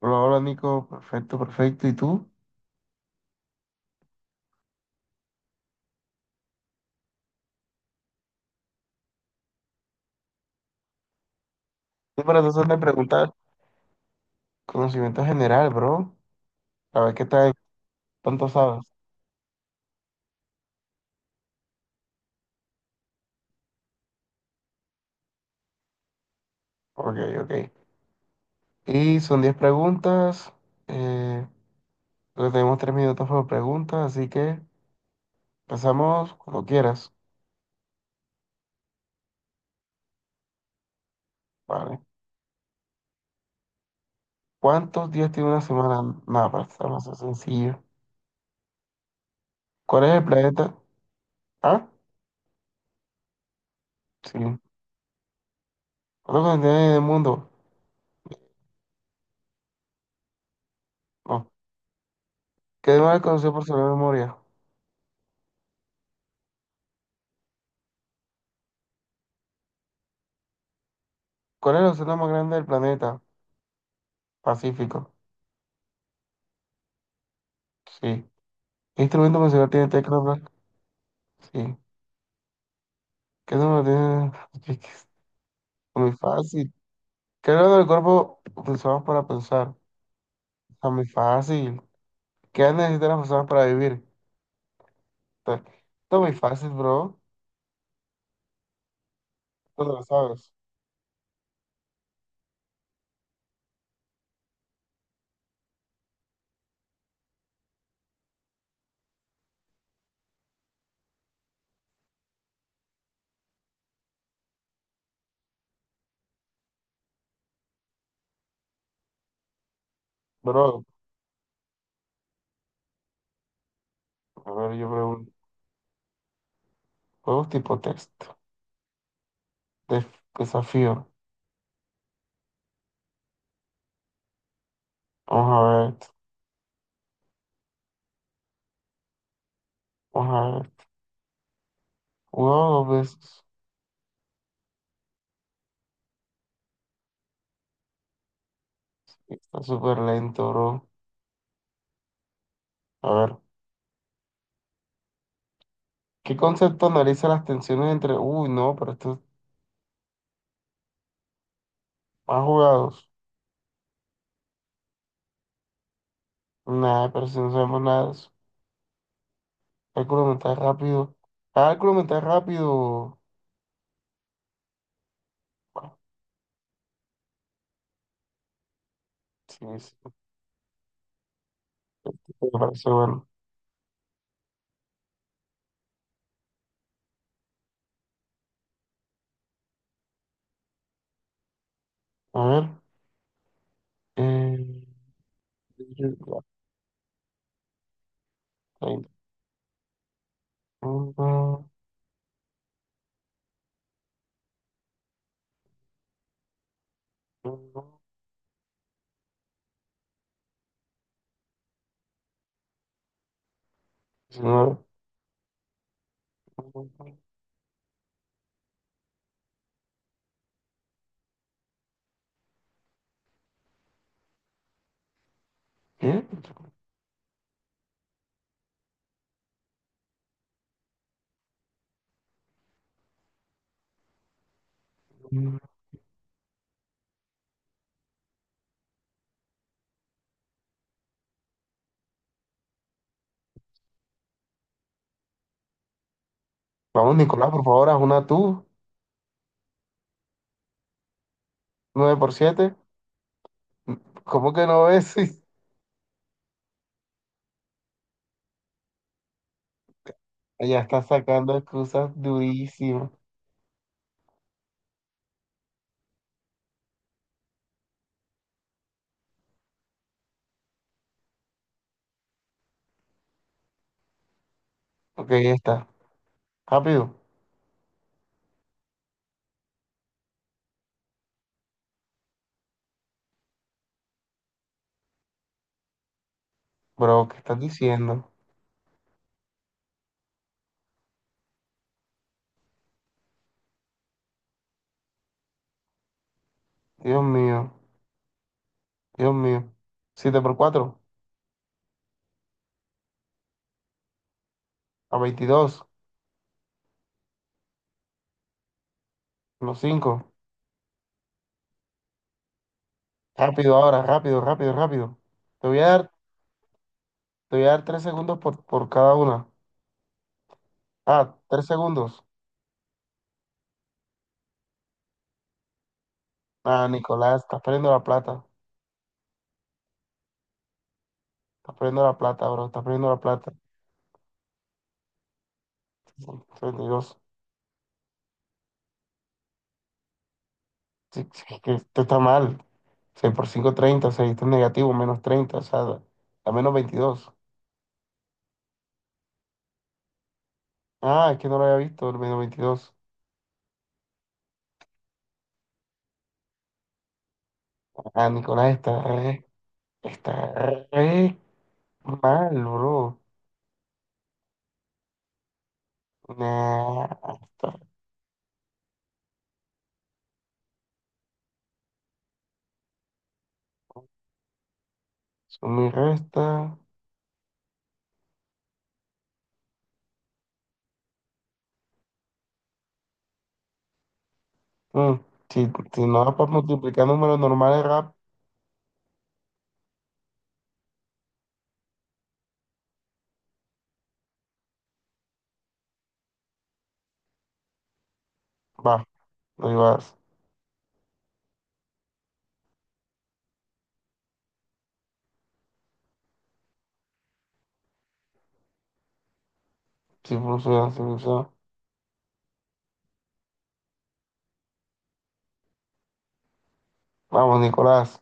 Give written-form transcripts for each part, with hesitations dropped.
Hola, hola Nico, perfecto, perfecto. ¿Y tú? Estoy para tratar de preguntar conocimiento general, bro. A ver qué tal, tanto sabes. Ok, ok. Y son 10 preguntas. Eh, Creo que tenemos 3 minutos por pregunta, así que empezamos cuando quieras. Vale. ¿Cuántos días tiene una semana? Nada, para estar más sencillo. ¿Cuál es el planeta? Ah, sí. ¿Cuántos continentes hay en el mundo? No. ¿Qué animal es conocido por su gran memoria? ¿Cuál es el océano más grande del planeta? Pacífico. Sí. ¿Qué instrumento musical tiene Tecla Black? Sí. ¿Qué número tiene? Es muy fácil. ¿Qué órgano del cuerpo usamos para pensar? Está muy fácil. ¿Qué necesitan las personas para vivir? Está, está muy fácil, bro. Tú te lo sabes. Bro, a ver, yo pregunto. Juegos tipo texto. Def- desafío. Vamos a ver. Vamos a ver. Wow, dos veces. Está súper lento, bro. A ver. ¿Qué concepto analiza las tensiones entre... Uy, no, pero estos más jugados. Nada, pero si no sabemos nada de eso. Cálculo mental rápido. Cálculo mental rápido. Bueno, sí, sí, me parece bueno. A ver. Eh, ya, 30. Uno, uno, 19. ¿Qué? Vamos, Nicolás, por favor, haz una tú. Nueve por siete. ¿Cómo que no ves? Ya está sacando excusas durísimas. Ok, ya está. Rápido. Bro, ¿qué estás diciendo? Dios mío, Dios mío. Siete por cuatro. A veintidós. Los cinco. Rápido ahora, rápido, rápido, rápido. Te voy a dar, te voy a dar tres segundos por cada una. Ah, tres segundos. Ah, Nicolás, estás perdiendo la plata. Estás perdiendo la plata, bro. Estás perdiendo la plata. 32. Sí, sí, es que esto está mal. Seis por cinco, 30 seis, esto es negativo, menos treinta. O sea, da menos veintidós. Ah, es que no lo había visto, el menos veintidós. Ah, Nicolás, está re mal, bro. Nah, está. Suma y resta. Mm, si, si no da multiplicar números normales rap, va, lo llevas. Si funciona, si funciona. Vamos, Nicolás.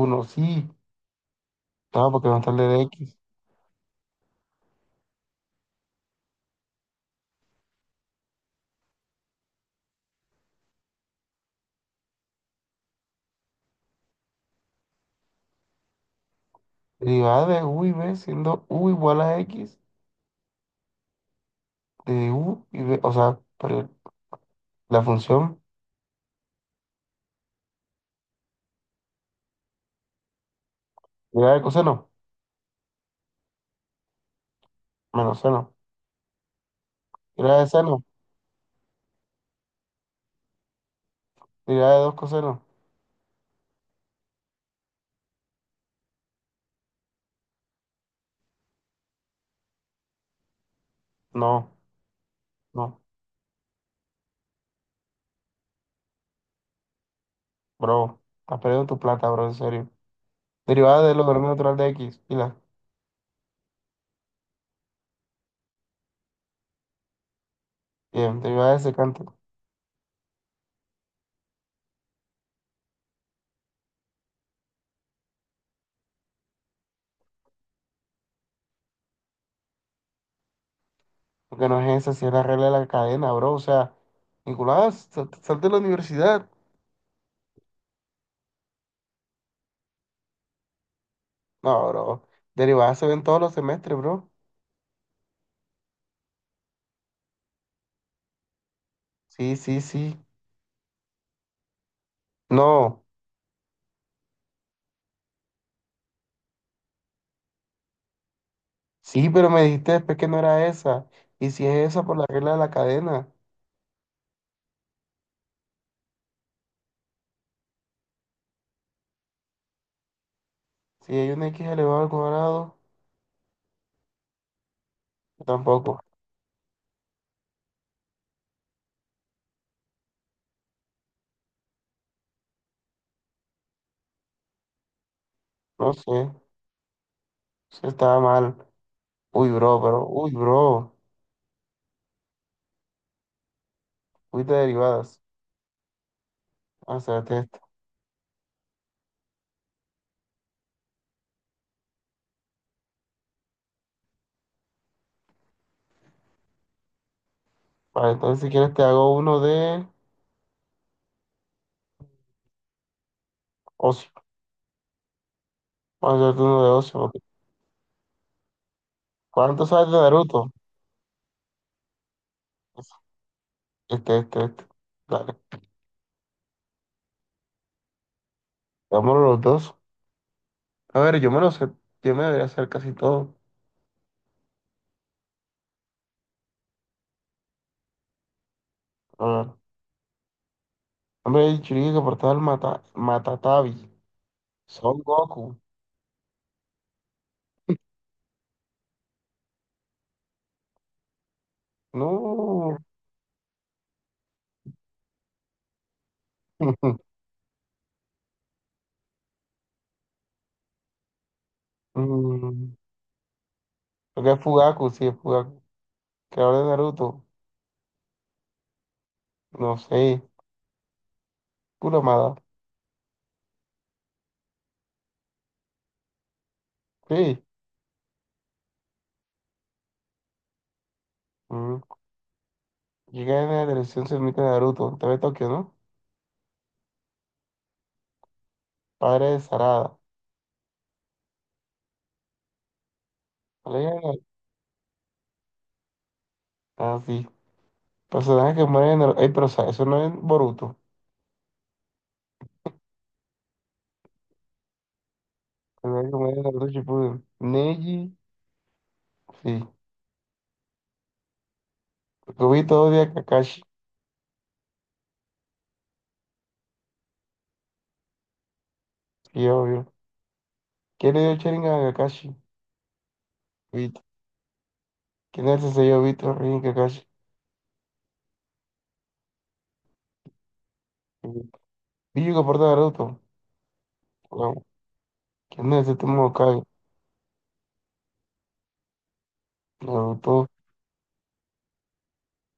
Uno, sí. No, porque va a estar de X. Derivada de U y B siendo U igual a X de U y B. O sea, pero la función derivada de coseno, menos seno. Derivada de seno, derivada de dos cosenos. No, no, bro. Estás perdiendo tu plata, bro, en serio. Derivada del logaritmo natural de X. Pila. Bien, derivada de secante. Porque no es esa, si es la regla de la cadena, bro. O sea, Nicolás, sal de la universidad. No, bro. Derivadas se ven todos los semestres, bro. Sí, sí, sí. No. Sí, pero me dijiste después que no era esa. Y si es esa por la regla de la cadena. Si hay un x elevado al cuadrado, tampoco. No sé. Se estaba mal. Uy, bro, pero. Uy, bro. Uy, de derivadas. Vamos a hacerte esto. Vale, entonces si quieres te hago uno de ocio. Vamos a hacerte uno de ocio. Ok. ¿Cuánto sabes de Naruto? Este. Dale. Vámonos los dos. A ver, yo me lo sé. Yo me debería hacer casi todo. A ver. Hombre, el Churinga que portaba el mata, Matatabi. Son Goku. No. Mm, creo que es Fugaku, sí, es Fugaku. Creador de Naruto. No sé. Kuramada. Sí. Mm. Llega en la televisión se emite Naruto. Te ve Tokio, ¿no? Padre de Sarada. ¿Vale? Ah, sí. Personaje que muere en Naruto. Ey, pero o sea, eso no es Boruto. Personaje que muere en Naruto Shippuden. Neji. Sí, porque vi todo de Kakashi, sí, obvio. ¿Quién le dio el Sharingan a Kakashi? Vito. ¿Quién es ese yo, Vito, Rin, Kakashi? Vito. Billo que porta Naruto. Wow. ¿Quién es el séptimo Hokage? Naruto.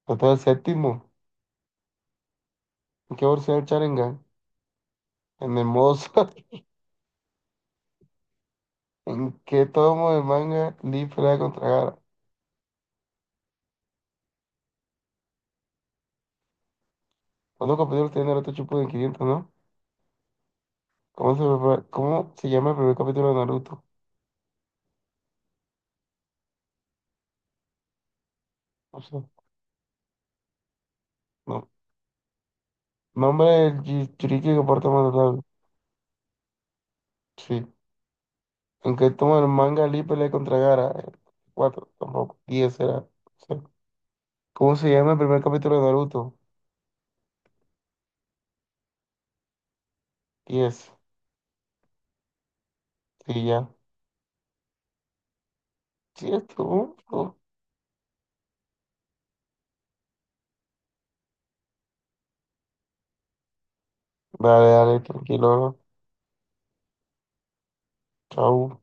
Hasta el séptimo. ¿En qué versión el Sharingan? En el Mozo. ¿En qué tomo de manga Lee pelea contra Gaara? ¿Cuántos capítulos tiene Naruto Shippuden? 500, ¿no? ¿Cómo se llama el primer capítulo de Naruto? No sé. No. Nombre del Jinchuriki que porta Madara. Aunque toma el manga Lee pelea contra Gara. Cuatro, tampoco. Diez será. O ¿cómo se llama el primer capítulo de Naruto? Diez. Sí, ya. Sí, esto. Dale, dale, tranquilo. Chau.